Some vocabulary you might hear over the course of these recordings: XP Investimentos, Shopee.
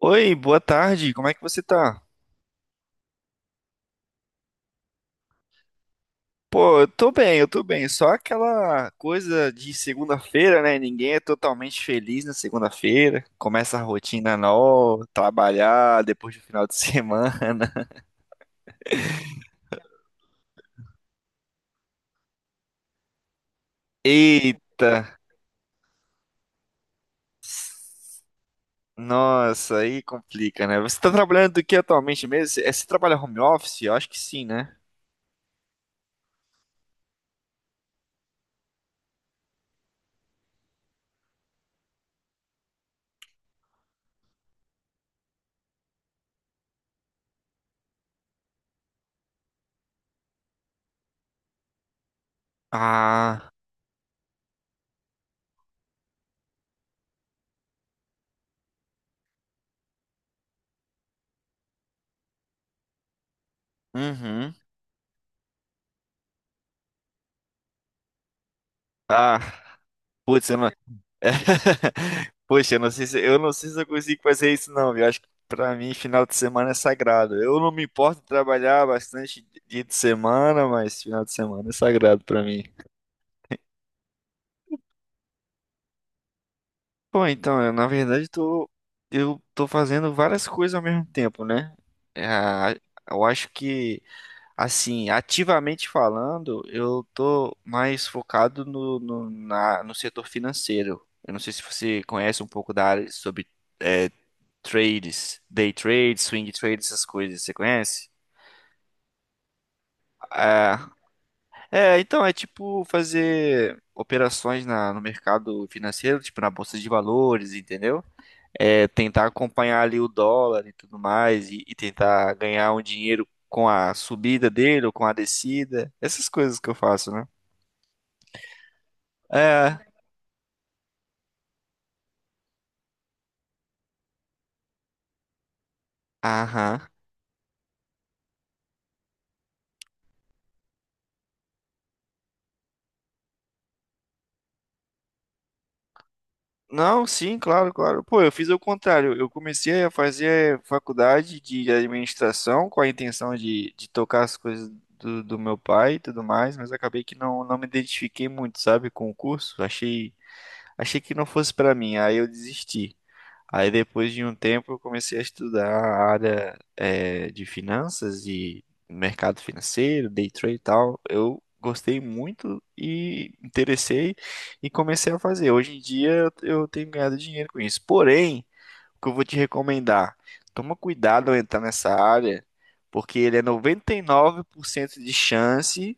Oi, boa tarde, como é que você tá? Pô, eu tô bem, eu tô bem. Só aquela coisa de segunda-feira, né? Ninguém é totalmente feliz na segunda-feira. Começa a rotina nova, trabalhar depois do final de semana. Eita! Nossa, aí complica, né? Você tá trabalhando do que atualmente mesmo? Você trabalha home office? Eu acho que sim, né? Ah, uhum. Ah, putz, eu não, Poxa, eu não sei se eu consigo fazer isso não, viu? Acho que pra mim final de semana é sagrado. Eu não me importo de trabalhar bastante dia de semana, mas final de semana é sagrado pra mim. Bom, na verdade tô, eu tô fazendo várias coisas ao mesmo tempo, né? É, a- eu acho que assim, ativamente falando, eu tô mais focado no setor financeiro. Eu não sei se você conhece um pouco da área sobre é, trades, day trades, swing trades, essas coisas, você conhece? É, então é tipo fazer operações no mercado financeiro, tipo na bolsa de valores, entendeu? É tentar acompanhar ali o dólar e tudo mais e tentar ganhar um dinheiro com a subida dele ou com a descida, essas coisas que eu faço, né? É, aham. Não, sim, claro, claro. Pô, eu fiz o contrário. Eu comecei a fazer faculdade de administração com a intenção de tocar as coisas do meu pai e tudo mais, mas acabei que não me identifiquei muito, sabe, com o curso. Achei que não fosse pra mim, aí eu desisti. Aí depois de um tempo eu comecei a estudar a área de finanças e mercado financeiro, day trade e tal. Eu gostei muito e interessei e comecei a fazer. Hoje em dia eu tenho ganhado dinheiro com isso. Porém, o que eu vou te recomendar, toma cuidado ao entrar nessa área, porque ele é 99% de chance,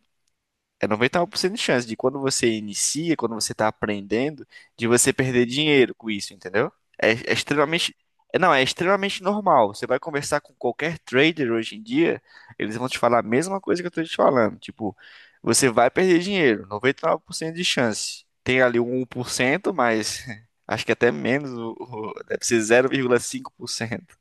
é noventa e nove por cento de chance de quando você inicia, quando você está aprendendo, de você perder dinheiro com isso, entendeu? É, é extremamente. Não, é extremamente normal. Você vai conversar com qualquer trader hoje em dia, eles vão te falar a mesma coisa que eu estou te falando. Tipo, você vai perder dinheiro, 99% de chance. Tem ali 1%, mas acho que até menos, deve ser 0,5%,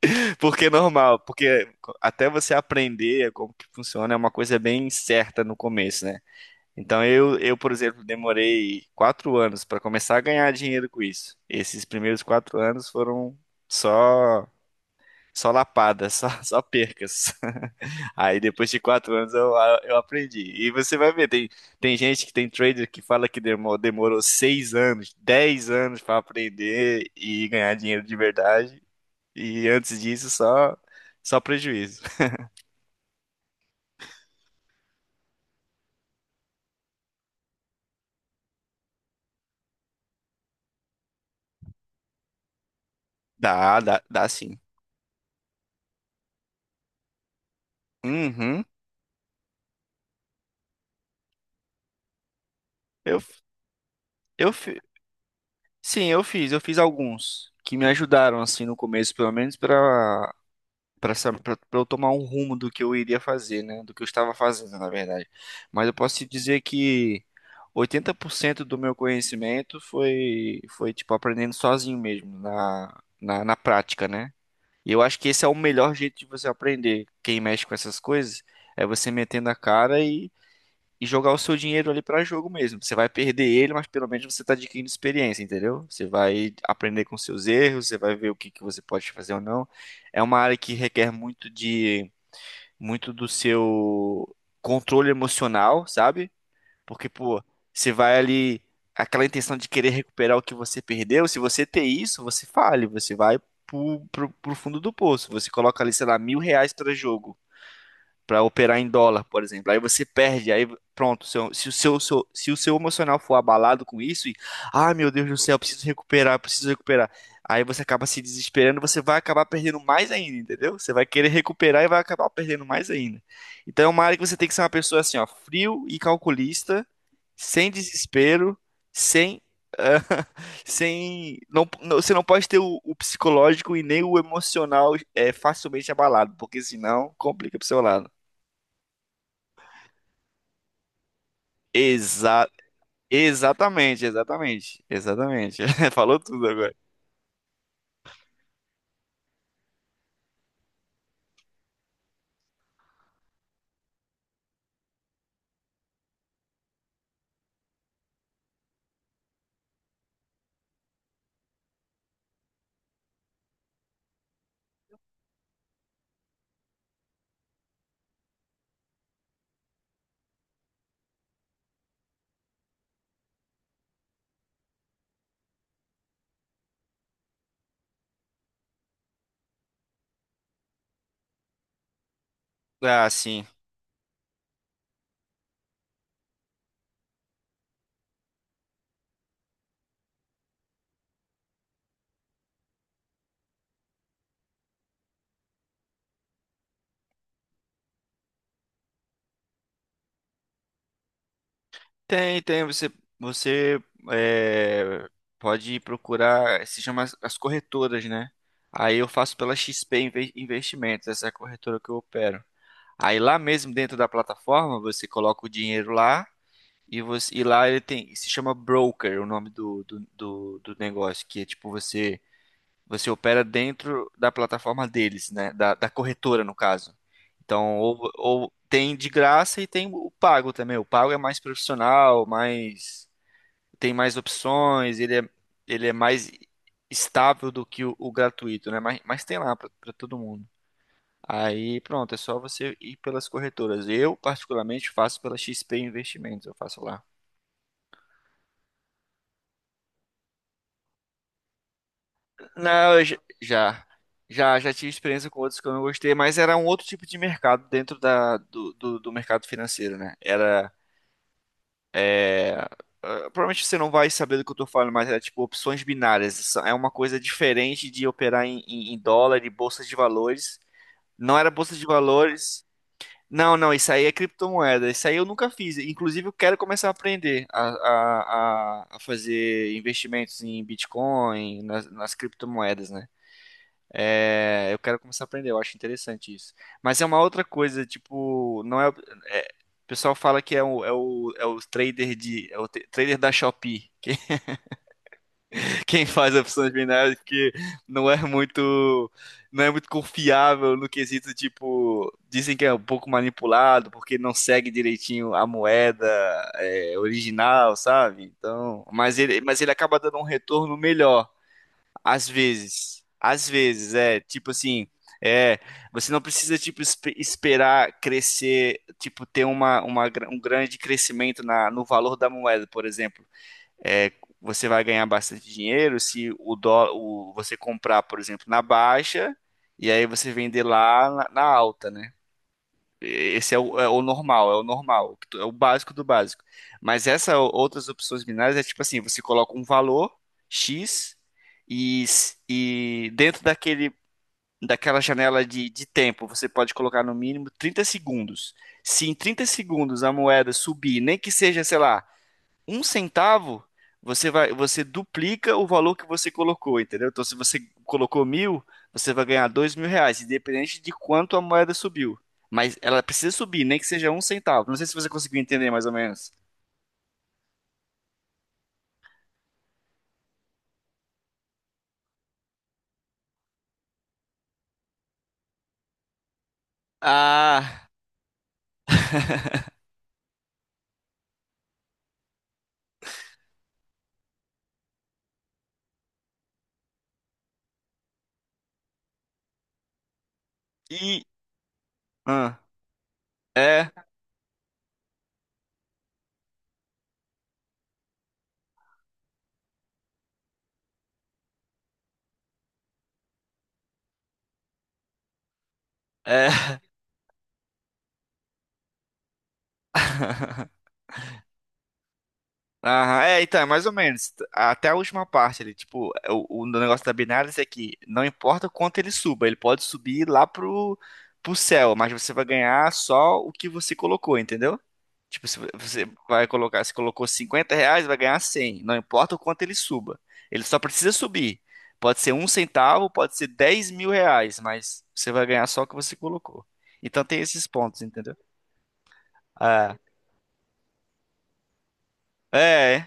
porque é normal, porque até você aprender como que funciona é uma coisa bem certa no começo, né? Então, por exemplo, demorei 4 anos para começar a ganhar dinheiro com isso. Esses primeiros 4 anos foram só só lapadas, só, só percas. Aí depois de quatro anos eu aprendi. E você vai ver, tem gente que tem trader que fala que demorou 6 anos, 10 anos para aprender e ganhar dinheiro de verdade. E antes disso só prejuízo. Dá, dá sim. Uhum. Eu, eu, Sim, eu fiz alguns que me ajudaram assim no começo, pelo menos para para eu tomar um rumo do que eu iria fazer, né, do que eu estava fazendo, na verdade. Mas eu posso te dizer que 80% do meu conhecimento foi tipo aprendendo sozinho mesmo na prática, né? E eu acho que esse é o melhor jeito de você aprender. Quem mexe com essas coisas é você metendo a cara e jogar o seu dinheiro ali pra jogo mesmo. Você vai perder ele, mas pelo menos você tá adquirindo experiência, entendeu? Você vai aprender com seus erros, você vai ver o que que você pode fazer ou não. É uma área que requer muito do seu controle emocional, sabe? Porque, pô, você vai ali aquela intenção de querer recuperar o que você perdeu, se você ter isso, você fale, você vai pro fundo do poço. Você coloca ali, sei lá, R$ 1.000 para jogo para operar em dólar, por exemplo. Aí você perde, aí pronto, se o seu emocional for abalado com isso e, ah, meu Deus do céu, preciso recuperar, preciso recuperar. Aí você acaba se desesperando, você vai acabar perdendo mais ainda, entendeu? Você vai querer recuperar e vai acabar perdendo mais ainda. Então é uma área que você tem que ser uma pessoa assim, ó, frio e calculista, sem desespero, sem sem não, não- você não pode ter o psicológico e nem o emocional é facilmente abalado, porque senão complica pro seu lado. Exa exatamente, exatamente. Falou tudo agora. Ah, sim. Tem, tem. Você é, pode procurar, se chama as corretoras, né? Aí eu faço pela XP Inve- Investimentos, essa é a corretora que eu opero. Aí lá mesmo dentro da plataforma, você coloca o dinheiro lá e lá ele tem, se chama broker, o nome do negócio, que é tipo você. Você opera dentro da plataforma deles, né? Da corretora, no caso. Então, ou tem de graça e tem o pago também. O pago é mais profissional, mais tem mais opções, ele é mais estável do que o gratuito, né? Mas tem lá para todo mundo. Aí, pronto, é só você ir pelas corretoras. Eu, particularmente, faço pela XP Investimentos, eu faço lá. Não, eu j- já, já, já tive experiência com outros que eu não gostei, mas era um outro tipo de mercado dentro do mercado financeiro, né? Ah, provavelmente você não vai saber do que eu tô falando, mas era tipo opções binárias. Isso é uma coisa diferente de operar em dólar e bolsa de valores. Não era bolsa de valores. Não, não, isso aí é criptomoeda. Isso aí eu nunca fiz. Inclusive, eu quero começar a aprender a fazer investimentos em Bitcoin, nas criptomoedas, né? É, eu quero começar a aprender, eu acho interessante isso. Mas é uma outra coisa, tipo, não é, é, o pessoal fala que é é o trader é o trader da Shopee, quem faz opções binárias que não é muito, não é muito confiável no quesito, tipo, dizem que é um pouco manipulado porque não segue direitinho a moeda, é, original, sabe? Então, mas ele acaba dando um retorno melhor. Às vezes, é, tipo assim, é, você não precisa, tipo, esperar crescer, tipo, ter um grande crescimento no valor da moeda, por exemplo. É, você vai ganhar bastante dinheiro se o dólar, o, você comprar, por exemplo, na baixa e aí você vender lá na alta, né? Esse é é o normal, que é o básico do básico. Mas essas outras opções binárias é tipo assim, você coloca um valor X e dentro daquela janela de tempo você pode colocar no mínimo 30 segundos. Se em 30 segundos a moeda subir, nem que seja, sei lá, um centavo, você duplica o valor que você colocou, entendeu? Então, se você colocou 1.000, você vai ganhar R$ 2.000, independente de quanto a moeda subiu. Mas ela precisa subir, nem que seja um centavo. Não sei se você conseguiu entender mais ou menos. Ah, e. ah, é, é. Aham, é, então, é mais ou menos. Até a última parte ali, tipo, o negócio da binária é que não importa o quanto ele suba, ele pode subir lá pro céu, mas você vai ganhar só o que você colocou, entendeu? Tipo, se você vai colocar, se colocou R$ 50, vai ganhar 100. Não importa o quanto ele suba. Ele só precisa subir. Pode ser um centavo, pode ser R$ 10.000, mas você vai ganhar só o que você colocou. Então tem esses pontos, entendeu? Ah, é.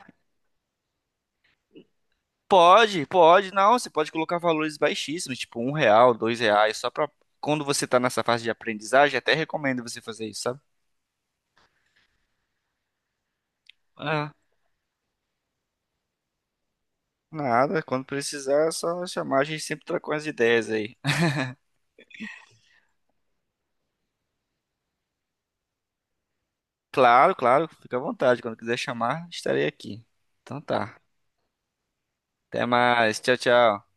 Pode, pode, não, você pode colocar valores baixíssimos, tipo um real, dois reais, só pra quando você tá nessa fase de aprendizagem, até recomendo você fazer isso, sabe? Ah, nada, quando precisar é só chamar, a gente sempre troca umas ideias aí. Claro, claro, fica à vontade, quando quiser chamar, estarei aqui. Então tá, até mais, tchau, tchau.